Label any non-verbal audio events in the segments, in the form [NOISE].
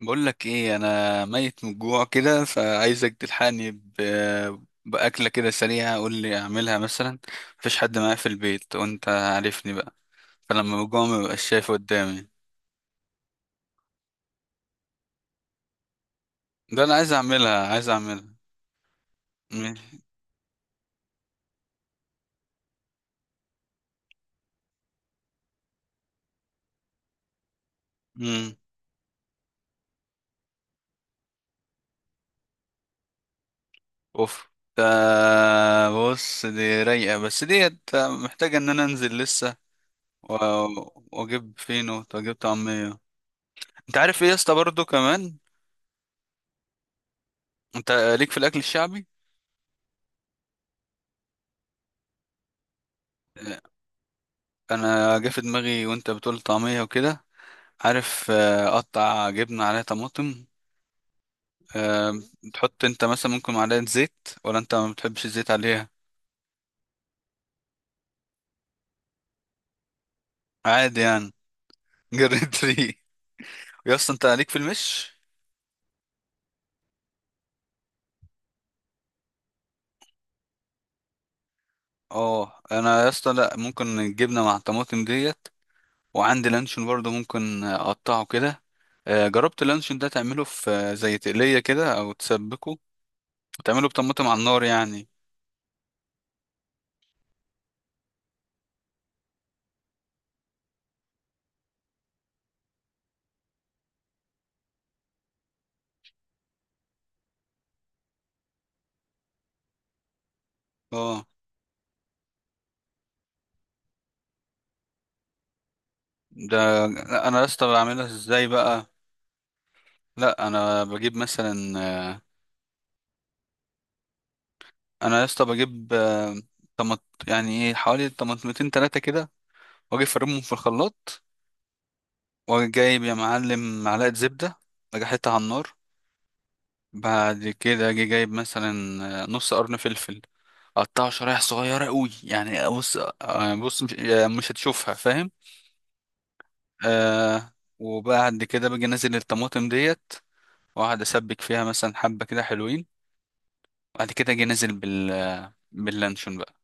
بقول لك ايه، انا ميت من الجوع كده، فعايزك تلحقني باكله كده سريعه. قول لي اعملها مثلا. مفيش حد معايا في البيت وانت عارفني بقى. فلما بجوع ما ببقاش شايف قدامي. ده انا عايز اعملها عايز اعملها. ماشي. امم. اوف. ده بص، دي رايقه بس ديت محتاجه ان انا انزل لسه و... واجيب فينو واجيب طعميه. انت عارف ايه يا اسطى برضو كمان؟ انت ليك في الاكل الشعبي؟ انا جه في دماغي وانت بتقول طعميه وكده. عارف؟ قطع جبنه عليها طماطم. آه، تحط انت مثلا ممكن معلقه زيت، ولا انت ما بتحبش الزيت عليها؟ عادي يعني. [LAUGHS] جريت ري يا اسطى، انت عليك في المش؟ اه، انا يا اسطى لا، ممكن الجبنه مع الطماطم ديت، وعندي لانشون برضه ممكن اقطعه كده. جربت اللانشون ده تعمله في زي تقليه كده او تسبكه، وتعمله بطماطم على النار يعني؟ اه. ده انا يا اسطى بعملها ازاي بقى؟ لا، انا بجيب مثلا. آه، انا يا اسطى بجيب يعني ايه حوالي طماطمتين تلاتة كده، واجي افرمهم في الخلاط، واجي جايب يا معلم معلقة زبدة، اجي احطها على النار. بعد كده اجي جايب مثلا نص قرن فلفل، اقطعه شرايح صغيرة قوي، يعني بص، بص مش هتشوفها، فاهم؟ آه. وبعد كده باجي انزل الطماطم ديت، واقعد اسبك فيها مثلا حبة كده حلوين. بعد كده اجي نازل باللانشون بقى.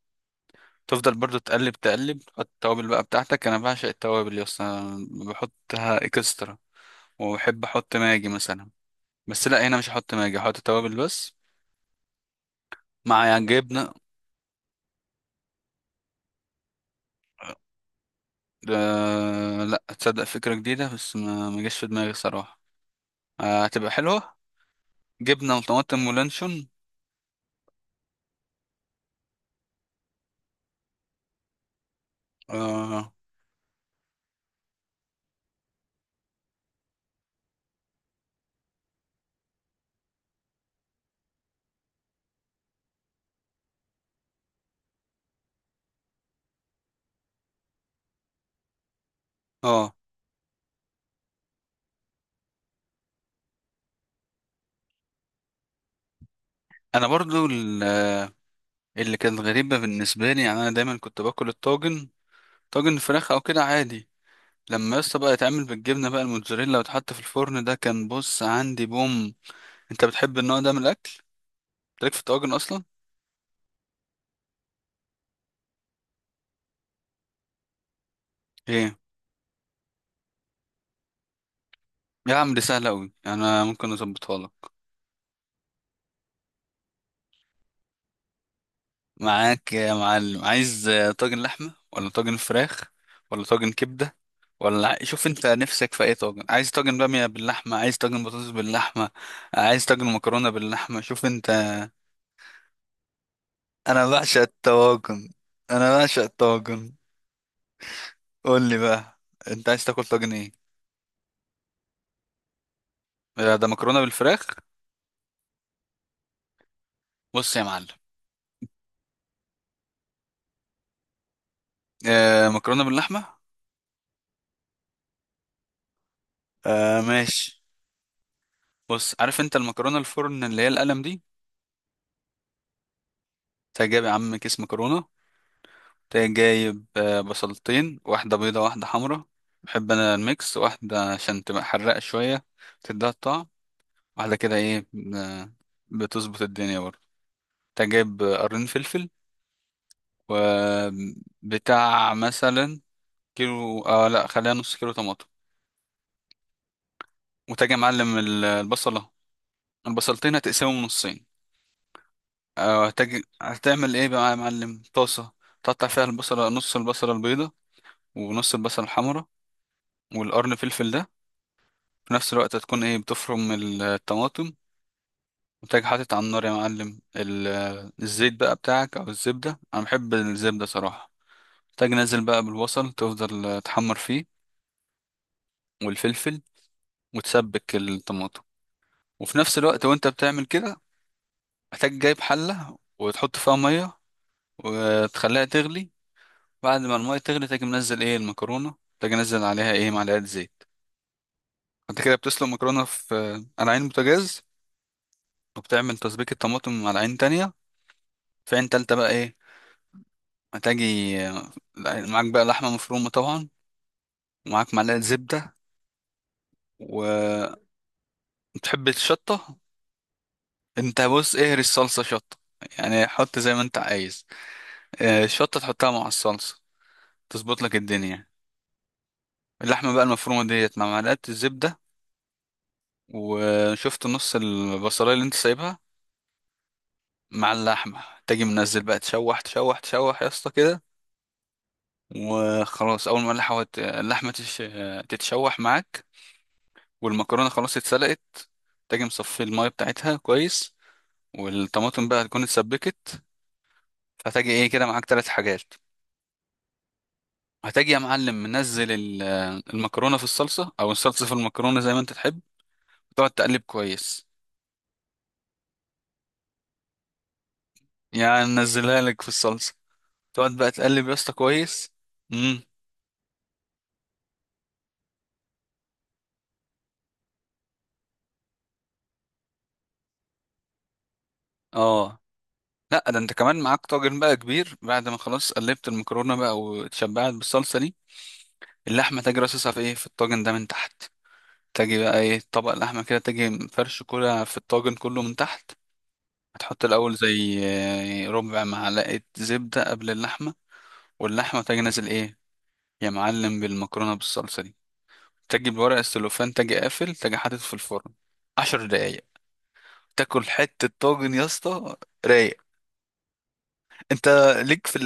تفضل برضو تقلب تقلب، تحط التوابل بقى بتاعتك. انا بعشق التوابل يا اسطى، أنا بحطها اكسترا. وبحب احط ماجي مثلا، بس لا، هنا مش هحط ماجي، هحط توابل بس مع جبنه. آه، لا تصدق، فكره جديده بس ما جاش في دماغي صراحه. آه، هتبقى حلوه. جبنه وطماطم ولانشون. اه. اه، انا برضو اللي كانت غريبه بالنسبه لي، يعني انا دايما كنت باكل الطاجن، طاجن فراخ او كده عادي. لما يسطا بقى يتعمل بالجبنة بقى الموتزاريلا، وتحط في الفرن ده، كان بص عندي بوم. انت بتحب النوع ده من الاكل؟ تليك في الطواجن اصلا؟ ايه، يا عم دي سهلة قوي، انا ممكن اظبطها لك. معاك يا معلم، عايز طاجن لحمة ولا طاجن فراخ ولا طاجن كبدة، ولا شوف انت نفسك في اي طاجن؟ عايز طاجن بامية باللحمة، عايز طاجن بطاطس باللحمة، عايز طاجن مكرونة باللحمة، شوف انت. انا بعشق الطواجن. انا بعشق الطواجن. قول لي بقى، انت عايز تاكل طاجن ايه؟ ده مكرونة بالفراخ. بص يا معلم. آه، مكرونة باللحمة. آه، ماشي. بص، عارف انت المكرونة الفرن اللي هي القلم دي؟ تجيب جايب يا عم كيس مكرونة، تجيب جايب بصلتين، واحدة بيضة واحدة حمرا، بحب انا الميكس، واحدة عشان تبقى حرقة شوية، تديها الطعم، واحدة كده ايه، آه، بتظبط الدنيا برضه. تجيب جايب قرن فلفل، وبتاع مثلا كيلو، اه لا، خليها نص كيلو طماطم. وتجي يا معلم البصلة، البصلتين هتقسمهم نصين. هتعمل ايه بقى يا معلم؟ طاسة، تقطع فيها البصلة، نص البصلة البيضة ونص البصلة الحمراء والقرن فلفل ده. في نفس الوقت هتكون ايه، بتفرم الطماطم. وتاجي حاطط على النار يا معلم الزيت بقى بتاعك او الزبدة، انا بحب الزبدة صراحة. تاجي نازل بقى بالبصل، تفضل تحمر فيه والفلفل، وتسبك الطماطم. وفي نفس الوقت وانت بتعمل كده، هتاجي جايب حلة وتحط فيها مية، وتخليها تغلي. بعد ما المية تغلي، تاجي منزل ايه، المكرونة، تاجي انزل عليها ايه، معلقة زيت. انت كده بتسلق مكرونة في آه، على عين بوتاجاز، وبتعمل تسبيكة طماطم على عين تانية. في عين تالتة بقى ايه، هتاجي آه، معاك بقى لحمة مفرومة طبعا، ومعاك معلقة زبدة، وبتحب الشطة. انت بص، اهري الصلصة شطة، يعني حط زي ما انت عايز. الشطة تحطها مع الصلصة، تظبط لك الدنيا. اللحمة بقى المفرومة ديت مع معلقة الزبدة، وشفت نص البصلاية اللي انت سايبها، مع اللحمة، تجي منزل بقى، تشوح تشوح تشوح يا اسطى كده. وخلاص، أول ما اللحمة تتشوح معاك، والمكرونة خلاص اتسلقت، تجي مصفي المية بتاعتها كويس. والطماطم بقى هتكون اتسبكت. فتجي ايه كده، معاك 3 حاجات. هتجي يا معلم منزل المكرونة في الصلصة أو الصلصة في المكرونة زي ما أنت تحب، تقعد تقلب كويس. يعني نزلها لك في الصلصة، تقعد بقى تقلب يا اسطى كويس. امم. اه، لا، ده انت كمان معاك طاجن بقى كبير، بعد ما خلاص قلبت المكرونه بقى واتشبعت بالصلصه دي، اللحمه تجي رصصها في ايه، في الطاجن ده من تحت. تجي بقى ايه، طبق اللحمه كده، تجي فرش كده في الطاجن كله من تحت. هتحط الاول زي ربع معلقه زبده قبل اللحمه، واللحمه تجي نازل ايه يا معلم بالمكرونه، بالصلصه دي. تجي بورق السلوفان، تجي قافل، تجي حاطط في الفرن 10 دقايق. تاكل حته طاجن يا اسطى رايق. انت ليك في؟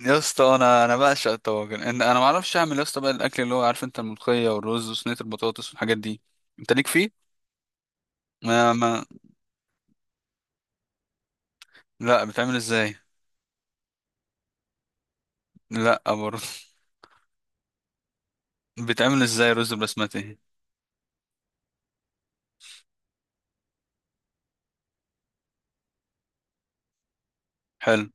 يا اسطى، انا بعشق الطواجن، انا ما اعرفش اعمل يا اسطى بقى الاكل اللي هو، عارف انت، الملوخيه والرز وصينيه البطاطس والحاجات دي. انت ليك فيه؟ ما. لا، بتعمل ازاي؟ لا برضه. [LAUGHS] بتعمل ازاي رز بسمتي؟ حلو.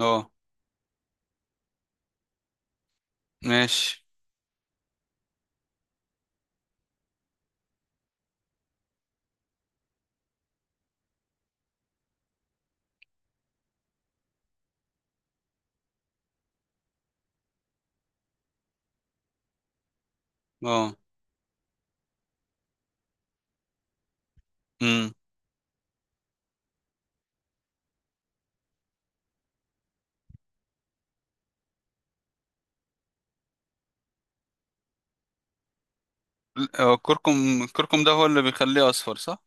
اه، ماشي. اه. امم. هو الكركم، الكركم ده هو اللي بيخليه اصفر، صح؟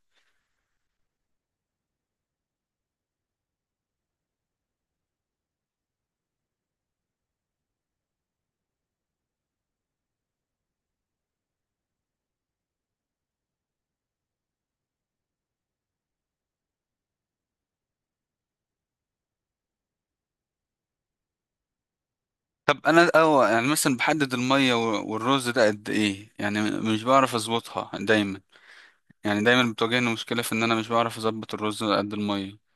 طب انا يعني مثلا بحدد الميه والرز ده قد ايه، يعني مش بعرف اظبطها دايما. يعني دايما بتواجهني مشكله في ان انا مش بعرف اظبط الرز قد الميه.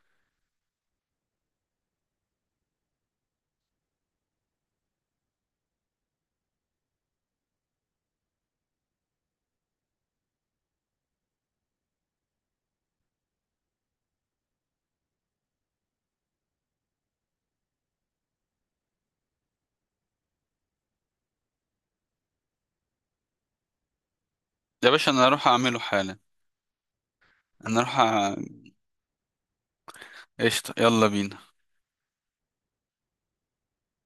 يا باشا، انا اروح اعمله حالا. نروح قشطة، يلا بينا.